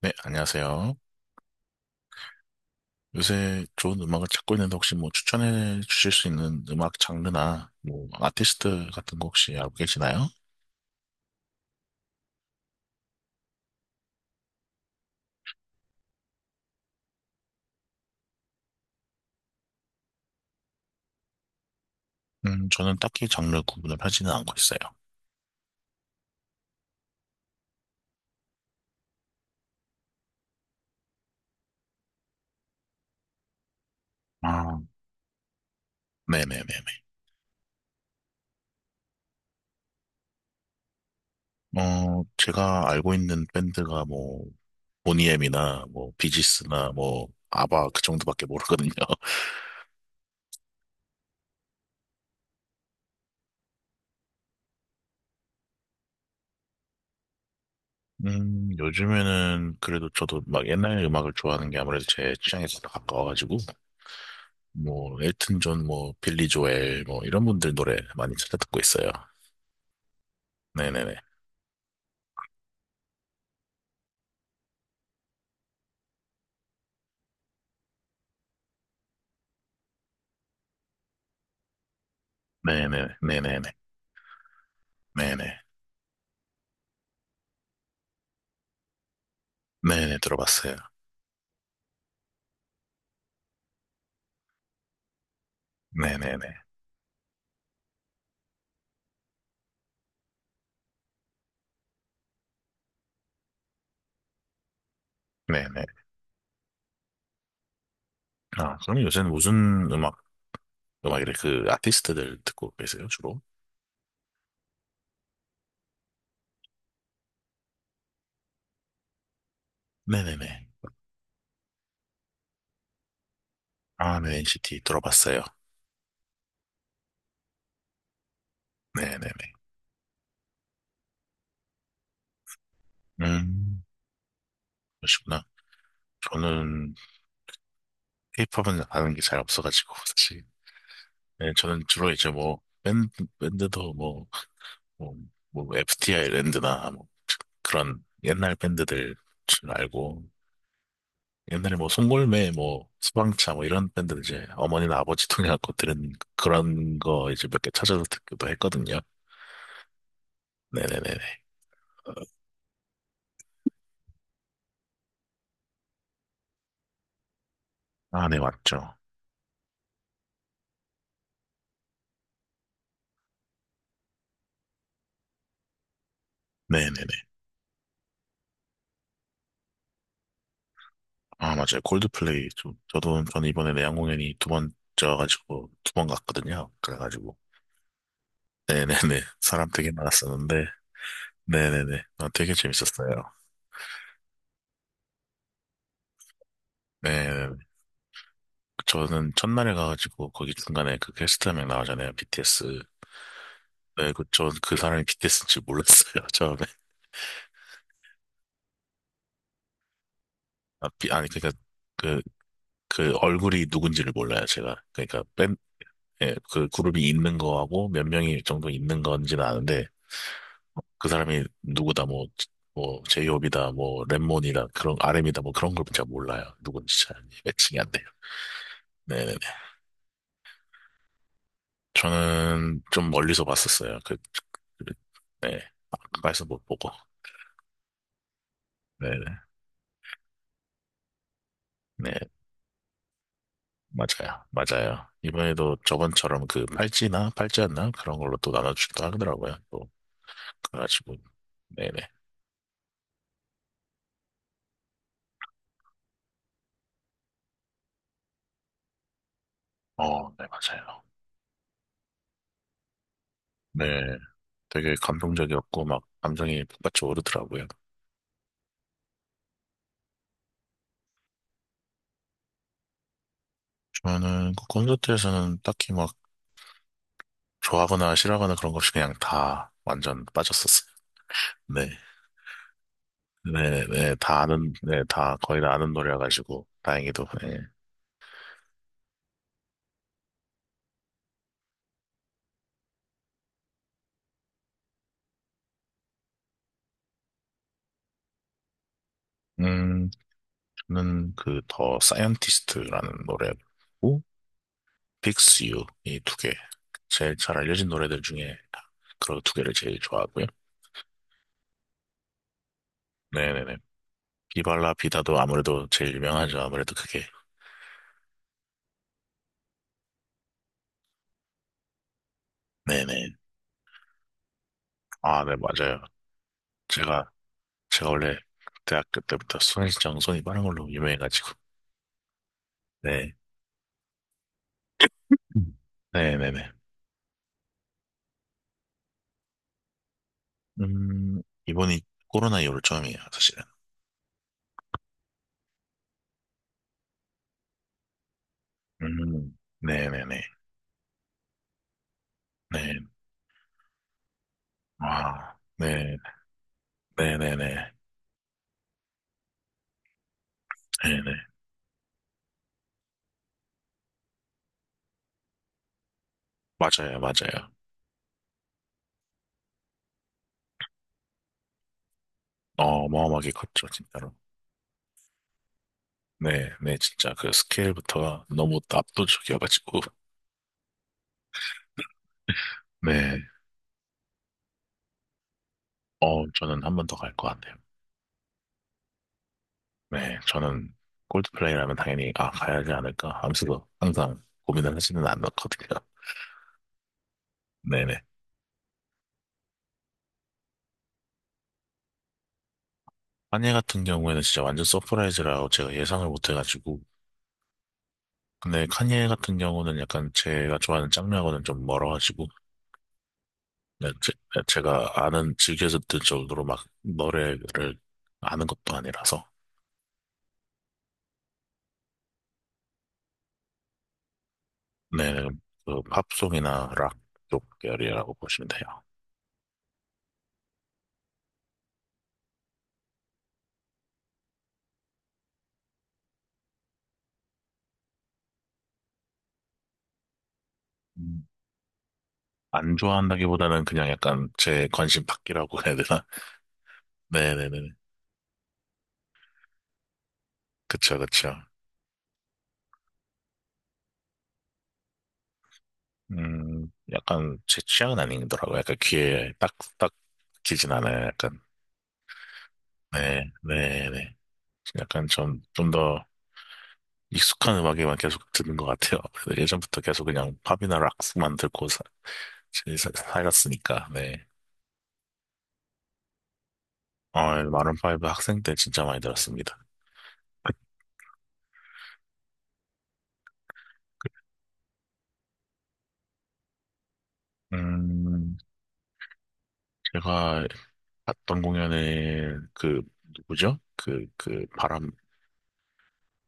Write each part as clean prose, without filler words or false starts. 네, 안녕하세요. 요새 좋은 음악을 찾고 있는데 혹시 뭐 추천해 주실 수 있는 음악 장르나 뭐 아티스트 같은 거 혹시 알고 계시나요? 저는 딱히 장르 구분을 하지는 않고 있어요. 아, 네네네네. 제가 알고 있는 밴드가 뭐 보니엠이나 뭐 비지스나 뭐 아바 그 정도밖에 모르거든요. 요즘에는 그래도 저도 막 옛날 음악을 좋아하는 게 아무래도 제 취향에 더 가까워가지고 뭐 엘튼 존, 뭐 빌리 조엘, 뭐 이런 분들 노래 많이 찾아 듣고 있어요. 네네네, 네네네, 네네네, 네네, 네네 들어봤어요. 네네네, 네네. 아, 그럼 요새는 무슨 음악, 음악이래 그 아티스트들 듣고 계세요 주로? 네네네. 아, 네, NCT 들어봤어요. 네네네. 음, 그러시구나. 저는 케이팝은 아는 게 잘 없어가지고 사실. 네, 저는 주로 이제 뭐 밴드, 밴드도 뭐, 뭐 FTI 랜드나 뭐 그런 옛날 밴드들 줄 알고 옛날에 뭐 송골매 뭐 수방차 뭐 이런 밴드들 이제 어머니나 아버지 통해갖고 들은 그런 거 이제 몇 개 찾아서 듣기도 했거든요. 네네네네. 아, 네, 맞죠. 네네네. 아, 맞아요. 콜드플레이. 좀, 저는 이번에 내한 공연이 두 번째여가지고, 두 번 갔거든요. 그래가지고. 네네네. 사람 되게 많았었는데. 네네네. 아, 되게 재밌었어요. 네네네. 저는 첫날에 가가지고 거기 중간에 그 퀘스트 한 명 나오잖아요. BTS. 네, 그, 전그 사람이 BTS인 지 몰랐어요. 처음에. 아, 아니, 그러니까 그, 그 얼굴이 누군지를 몰라요. 제가. 그러니까 예, 그 그룹이 있는 거하고 몇 명이 정도 있는 건지는 아는데 그 사람이 누구다 뭐 제이홉이다 뭐 랩몬이다 그런 RM이다 뭐 그런 걸 제가 몰라요. 누군지 잘 매칭이 안 돼요. 네네네. 저는 좀 멀리서 봤었어요. 그- 네. 가까이서 못 보고. 네, 네, 맞아요. 맞아요. 이번에도 저번처럼 그 팔찌나 팔찌였나? 그런 걸로 또 나눠주기도 하더라고요. 또, 그래가지고. 네네. 어, 네, 맞아요. 네, 되게 감동적이었고, 막, 감정이 북받쳐 오르더라고요. 저는 그 콘서트에서는 딱히 막, 좋아하거나 싫어하거나 그런 거 없이 그냥 다 완전 빠졌었어요. 네. 네, 네, 다 아는, 네, 다, 거의 다 아는 노래여가지고, 다행히도, 네. 음, 저는 그, 더 사이언티스트라는 노래, 고 Fix You 이 두 개. 제일 잘 알려진 노래들 중에 그런 두 개를 제일 좋아하고요. 네네네. 비발라 비다도 아무래도 제일 유명하죠. 아무래도 그게. 네네. 아, 네, 맞아요. 제가, 제가 원래 대학교 때부터 손이 빠른 걸로 유명해가지고. 네. 음. 네네네. 음, 이번이 코로나 이후로 처음이에요, 사실은. 네네네. 네. 아, 네. 네네네. 네네. 맞아요, 맞아요. 어마어마하게 컸죠, 진짜로. 네, 네, 진짜 그 스케일부터가 너무 압도적이어가지고, 네, 저는 한 번 더 갈 것 같아요. 네, 저는 콜드플레이라면 당연히, 아, 가야 하지 않을까 하면서도 항상 고민을 하지는 않았거든요. 네네. 카니에 같은 경우에는 진짜 완전 서프라이즈라고 제가 예상을 못 해가지고, 근데 카니에 같은 경우는 약간 제가 좋아하는 장르하고는 좀 멀어가지고, 네, 네, 제가 아는, 즐겨서 듣 정도로 막 노래를 아는 것도 아니라서, 네, 그 팝송이나 락 쪽 계열이라고 보시면 돼요. 음. 안 좋아한다기보다는 그냥 약간 제 관심 밖이라고 해야 되나? 네네네. 그쵸, 그쵸. 약간 제 취향은 아니더라고요. 약간 귀에 딱, 딱 끼진 않아요. 약간. 네, 네네. 약간 좀더 익숙한 음악에만 계속 듣는 것 같아요. 그래서 예전부터 계속 그냥 팝이나 락스만 듣고 살았으니까, 네. 마룬파이브 학생 때 진짜 많이 들었습니다. 음, 제가 봤던 공연에 그, 누구죠?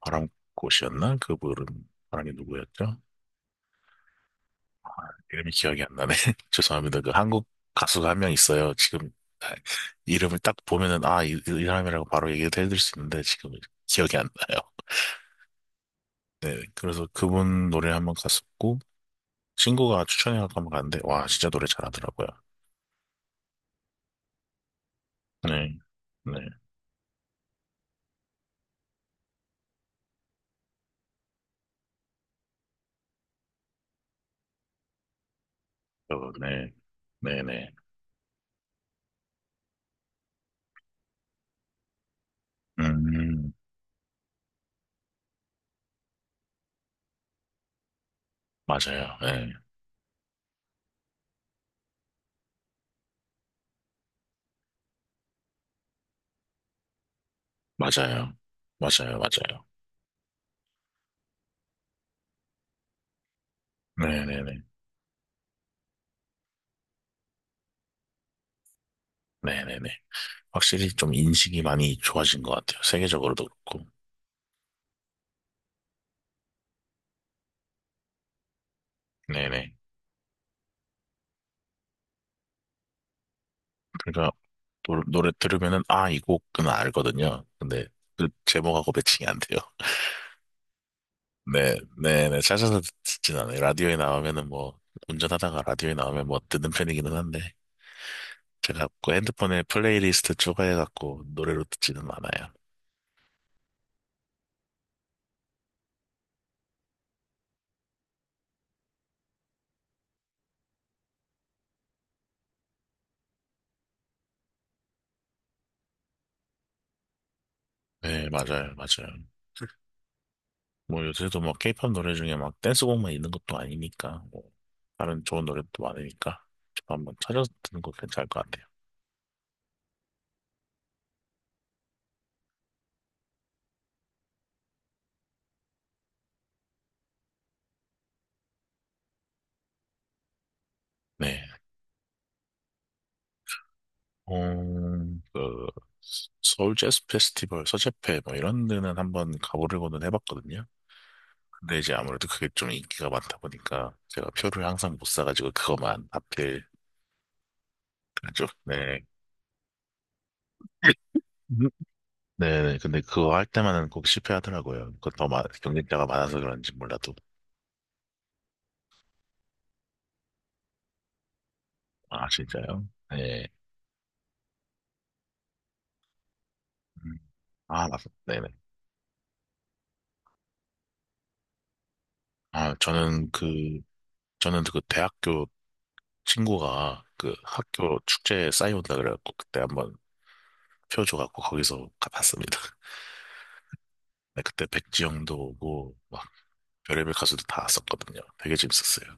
바람꽃이었나? 그분은, 바람이 누구였죠? 이름이 기억이 안 나네. 죄송합니다. 그 한국 가수가 한 명 있어요. 지금 아, 이름을 딱 보면은, 아, 이 사람이라고 바로 얘기를 해드릴 수 있는데, 지금 기억이 안 나요. 네, 그래서 그분 노래 한번 갔었고, 친구가 추천해갖고 한번 갔는데, 와, 진짜 노래 잘하더라고요. 네, 네, 어, 네, 네, 네. 음, 맞아요. 네, 맞아요. 맞아요, 맞아요. 네, 네, 네. 네, 네, 네. 확실히 좀 인식이 많이 좋아진 것 같아요. 세계적으로도 그렇고. 네, 네. 그러니까 노래 들으면은, 아, 이 곡은 알거든요. 근데 그 제목하고 매칭이 안 돼요. 네, 네, 네. 찾아서 듣진 않아요. 라디오에 나오면은 뭐, 운전하다가 라디오에 나오면 뭐 듣는 편이기는 한데, 제가 그 핸드폰에 플레이리스트 추가해갖고 노래로 듣지는 않아요. 네, 맞아요, 맞아요. 뭐 요새도 뭐 케이팝 노래 중에 막 댄스곡만 있는 것도 아니니까 뭐 다른 좋은 노래도 많으니까 한번 찾아서 듣는 거 괜찮을 것 같아요. 네. 그 서울 재즈 페스티벌 서재페 뭐 이런 데는 한번 가보려고는 해봤거든요. 근데 이제 아무래도 그게 좀 인기가 많다 보니까 제가 표를 항상 못 사가지고 그거만 하필 그죠. 네. 음. 네네. 근데 그거 할 때만은 꼭 실패하더라고요. 그더 경쟁자가 많아서 그런지 몰라도. 아, 진짜요? 네. 음. 아, 네네. 아, 저는 그 대학교 친구가 그 학교 축제에 싸이온다 그래갖고 그때 한번 표 줘갖고 거기서 가봤습니다. 네, 그때 백지영도 오고 막 별의별 가수도 다 왔었거든요. 되게 재밌었어요.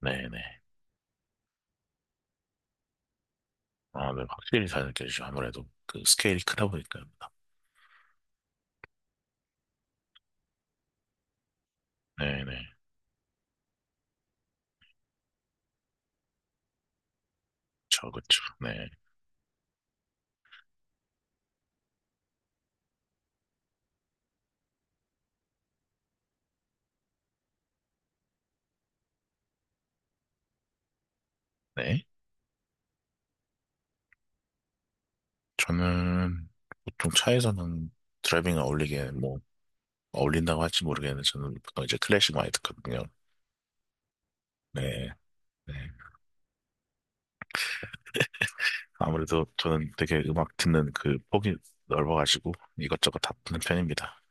네네. 아, 네, 확실히 잘 느껴지죠. 아무래도 그 스케일이 크다 보니까. 네네. 그쵸. 네. 네. 저는 보통 차에서는 드라이빙 어울리게 뭐 어울린다고 할지 모르겠는데 저는 보통 이제 클래식 많이 듣거든요. 네. 네. 아무래도 저는 되게 음악 듣는 그 폭이 넓어가지고 이것저것 다 듣는 편입니다.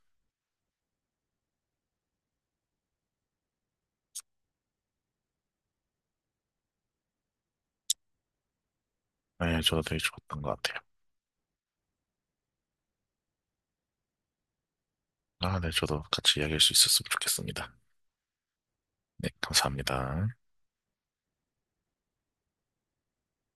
네, 저도 되게 좋았던 것 같아요. 아, 네, 저도 같이 이야기할 수 있었으면 좋겠습니다. 네, 감사합니다.